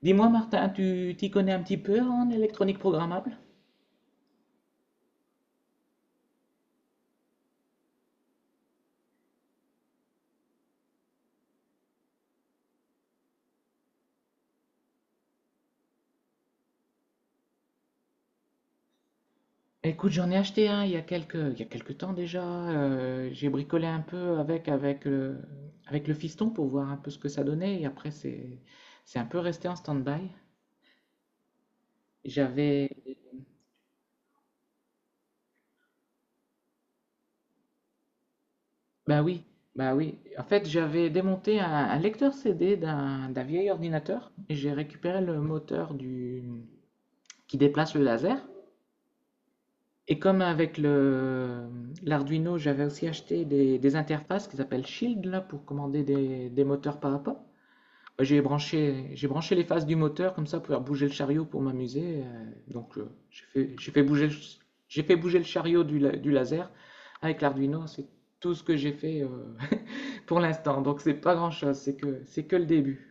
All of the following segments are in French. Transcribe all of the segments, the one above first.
Dis-moi, Martin, tu t'y connais un petit peu en électronique programmable? Écoute, j'en ai acheté un il y a quelques temps déjà. J'ai bricolé un peu avec avec le fiston pour voir un peu ce que ça donnait. Et après, c'est un peu resté en stand-by. J'avais. Bah oui, bah oui. En fait, j'avais démonté un lecteur CD d'un vieil ordinateur. J'ai récupéré le moteur du, qui déplace le laser. Et comme avec le l'Arduino, j'avais aussi acheté des interfaces qui s'appellent Shield là pour commander des moteurs pas à pas. Bah, j'ai branché les phases du moteur comme ça pour faire bouger le chariot pour m'amuser. Donc j'ai fait bouger le chariot du laser avec l'Arduino. C'est tout ce que j'ai fait pour l'instant. Donc c'est pas grand-chose, c'est que le début.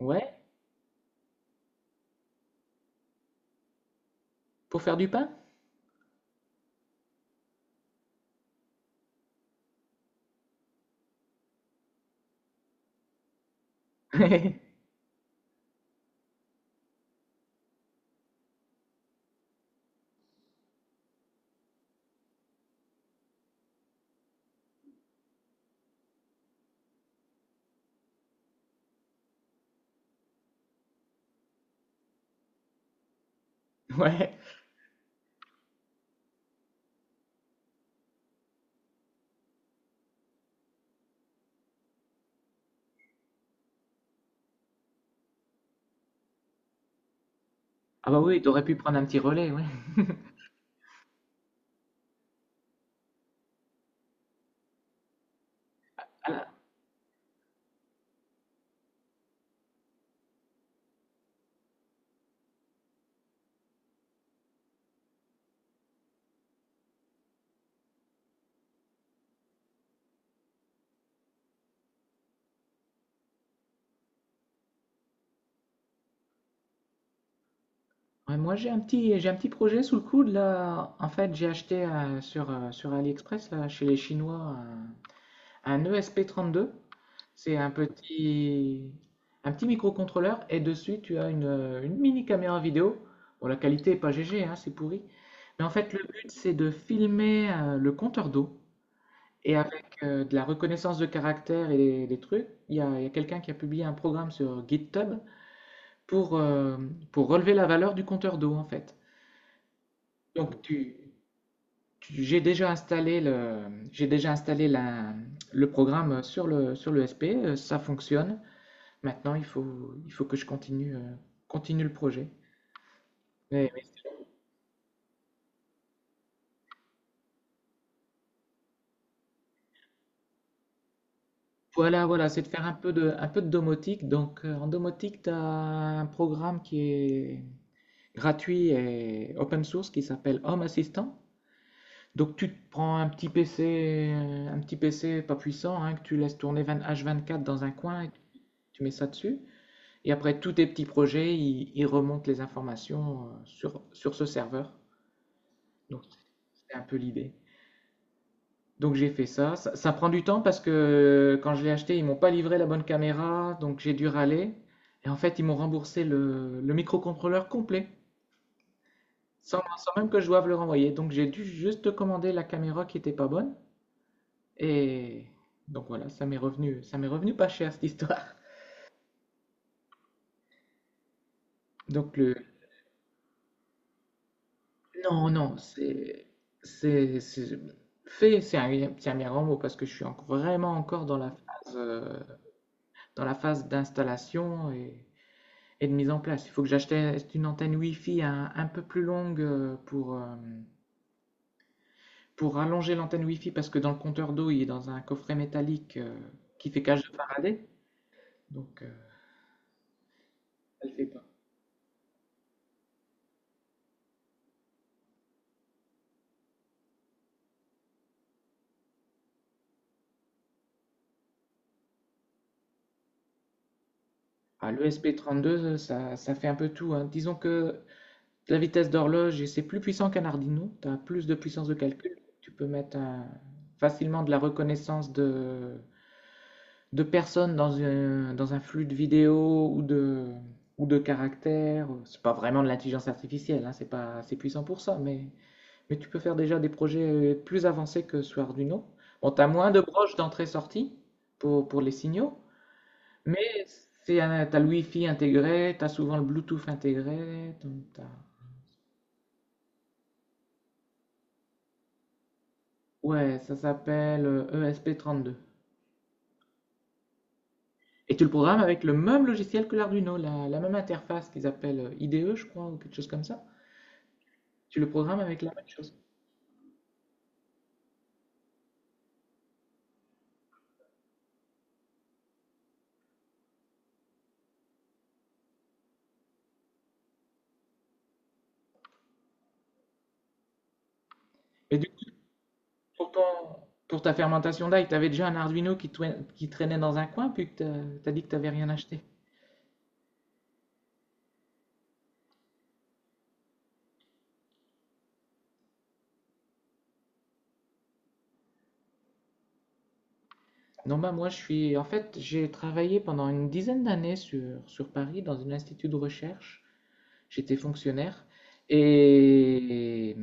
Ouais, pour faire du pain? Ouais. Ah bah oui, t'aurais pu prendre un petit relais, ouais. Ouais, moi, j'ai un petit projet sous le coude là. En fait, j'ai acheté sur sur AliExpress là, chez les Chinois un ESP32. C'est un petit microcontrôleur et dessus tu as une mini caméra vidéo. Bon, la qualité est pas GG, hein, c'est pourri. Mais en fait, le but c'est de filmer le compteur d'eau et avec de la reconnaissance de caractères et des trucs. Il y a quelqu'un qui a publié un programme sur GitHub pour, euh, pour relever la valeur du compteur d'eau en fait. Donc tu- j'ai déjà installé le, j'ai déjà installé la- le programme sur le SP, ça fonctionne. Maintenant, il faut que je continue, continue le projet. Mais- mais voilà, voilà, c'est de faire un peu de domotique. Donc en domotique, tu as un programme qui est gratuit et open source qui s'appelle Home Assistant. Donc tu te prends un petit PC, un petit PC pas puissant, hein, que tu laisses tourner 20 H24 dans un coin et tu mets ça dessus. Et après tous tes petits projets, ils remontent les informations sur ce serveur. Donc, c'est un peu l'idée. Donc, j'ai fait ça prend du temps parce que quand je l'ai acheté, ils m'ont pas livré la bonne caméra, donc j'ai dû râler. Et en fait, ils m'ont remboursé le microcontrôleur complet, sans même que je doive le renvoyer. Donc, j'ai dû juste commander la caméra qui était pas bonne. Et donc voilà, ça m'est revenu pas cher cette histoire. Donc le, Non, non, c'est, c'est- c'est un bien grand mot parce que vraiment encore dans la phase d'installation et de mise en place. Il faut que j'achète une antenne Wi-Fi un peu plus longue pour allonger l'antenne Wi-Fi parce que dans le compteur d'eau, il est dans un coffret métallique qui fait cage de Faraday, donc euh, ça ne le fait pas. Ah, le SP32, ça fait un peu tout, hein. Disons que la vitesse d'horloge, et c'est plus puissant qu'un Arduino. Tu as plus de puissance de calcul. Tu peux mettre un- Facilement de la reconnaissance de personnes dans un flux de vidéos ou de caractères. C'est pas vraiment de l'intelligence artificielle, hein, c'est pas assez puissant pour ça, mais tu peux faire déjà des projets plus avancés que sur Arduino. Bon, tu as moins de broches d'entrée-sortie pour les signaux, mais tu as le Wi-Fi intégré, tu as souvent le Bluetooth intégré, donc t'as- ouais, ça s'appelle ESP32. Et tu le programmes avec le même logiciel que l'Arduino, la même interface qu'ils appellent IDE, je crois, ou quelque chose comme ça. Tu le programmes avec la même chose. Et du coup, pour, ton- pour ta fermentation d'ail, tu avais déjà un Arduino qui, qui traînait dans un coin, puis que tu as dit que tu n'avais rien acheté. Non, bah moi, je suis. En fait, j'ai travaillé pendant une dizaine d'années sur Paris dans un institut de recherche. J'étais fonctionnaire. Et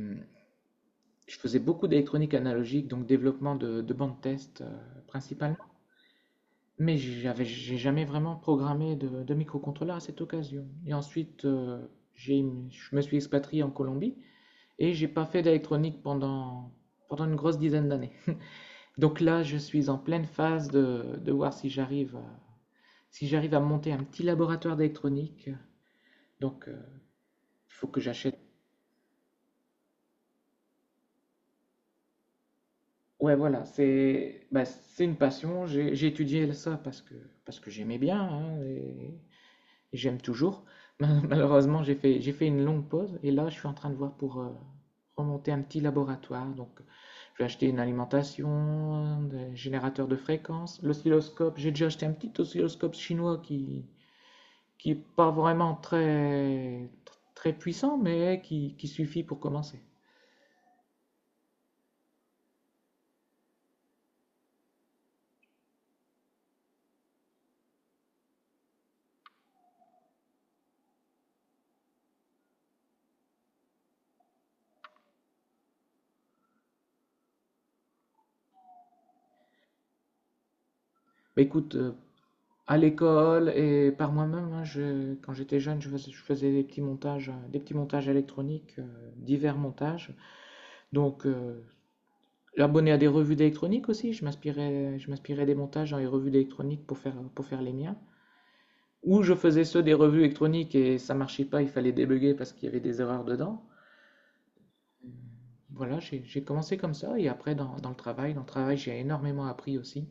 je faisais beaucoup d'électronique analogique, donc développement de bandes test principalement. Mais j'ai jamais vraiment programmé de microcontrôleur à cette occasion. Et ensuite, j'ai, je me suis expatrié en Colombie et j'ai pas fait d'électronique pendant une grosse dizaine d'années. Donc là, je suis en pleine phase de voir si j'arrive à monter un petit laboratoire d'électronique. Donc, il faut que j'achète ouais, voilà, c'est une passion. J'ai étudié ça parce que j'aimais bien hein, et j'aime toujours. Malheureusement, j'ai fait une longue pause et là, je suis en train de voir pour remonter un petit laboratoire. Donc, je vais acheter une alimentation, des générateurs de fréquences, l'oscilloscope. J'ai déjà acheté un petit oscilloscope chinois qui est pas vraiment très, très puissant, mais qui suffit pour commencer. Bah, écoute, à l'école et par moi-même, hein, quand j'étais jeune, je faisais des petits montages, euh, divers montages. Donc, abonné à des revues d'électronique aussi, je m'inspirais des montages dans les revues d'électronique pour faire les miens. Ou je faisais ceux des revues électroniques et ça marchait pas, il fallait débugger parce qu'il y avait des erreurs dedans. Euh, Voilà, j'ai commencé comme ça et après dans le travail j'ai énormément appris aussi.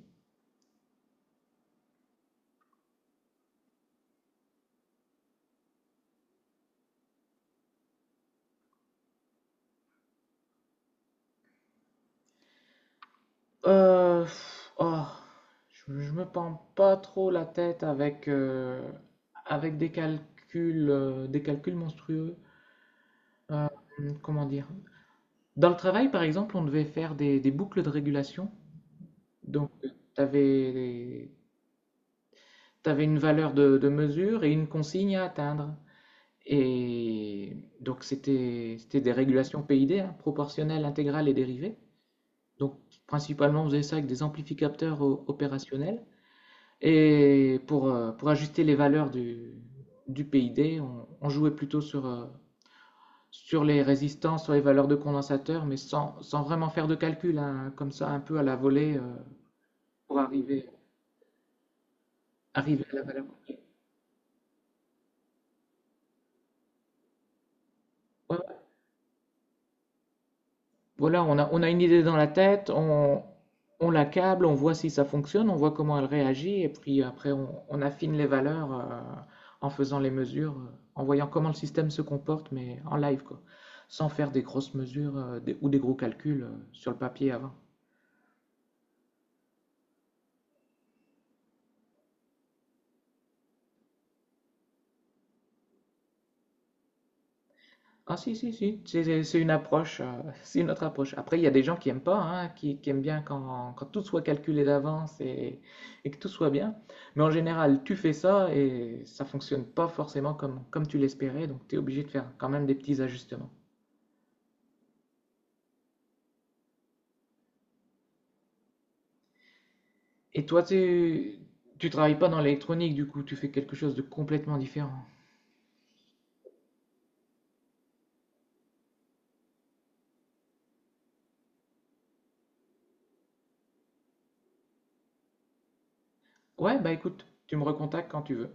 Euh, pff, oh, je me pends pas trop la tête avec des calculs monstrueux. Comment dire? Dans le travail, par exemple, on devait faire des boucles de régulation. Donc, tu avais, une valeur de mesure et une consigne à atteindre. Et donc, c'était des régulations PID, hein, proportionnelles, intégrales et dérivées. Donc, principalement, on faisait ça avec des amplificateurs opérationnels. Et pour ajuster les valeurs du PID, on jouait plutôt sur, sur les résistances, sur les valeurs de condensateur, mais sans vraiment faire de calcul, hein, comme ça, un peu à la volée, pour arriver à la valeur. Ouais, voilà, on a une idée dans la tête, on l'accable, on voit si ça fonctionne, on voit comment elle réagit, et puis après, on affine les valeurs en faisant les mesures, en voyant comment le système se comporte, mais en live, quoi, sans faire des grosses mesures ou des gros calculs sur le papier avant. Ah si, si, si, c'est une approche, c'est une autre approche. Après, il y a des gens qui aiment pas, hein, qui aiment bien quand tout soit calculé d'avance et que tout soit bien. Mais en général, tu fais ça et ça fonctionne pas forcément comme tu l'espérais, donc tu es obligé de faire quand même des petits ajustements. Et toi, tu travailles pas dans l'électronique, du coup, tu fais quelque chose de complètement différent. Ouais, bah écoute, tu me recontactes quand tu veux.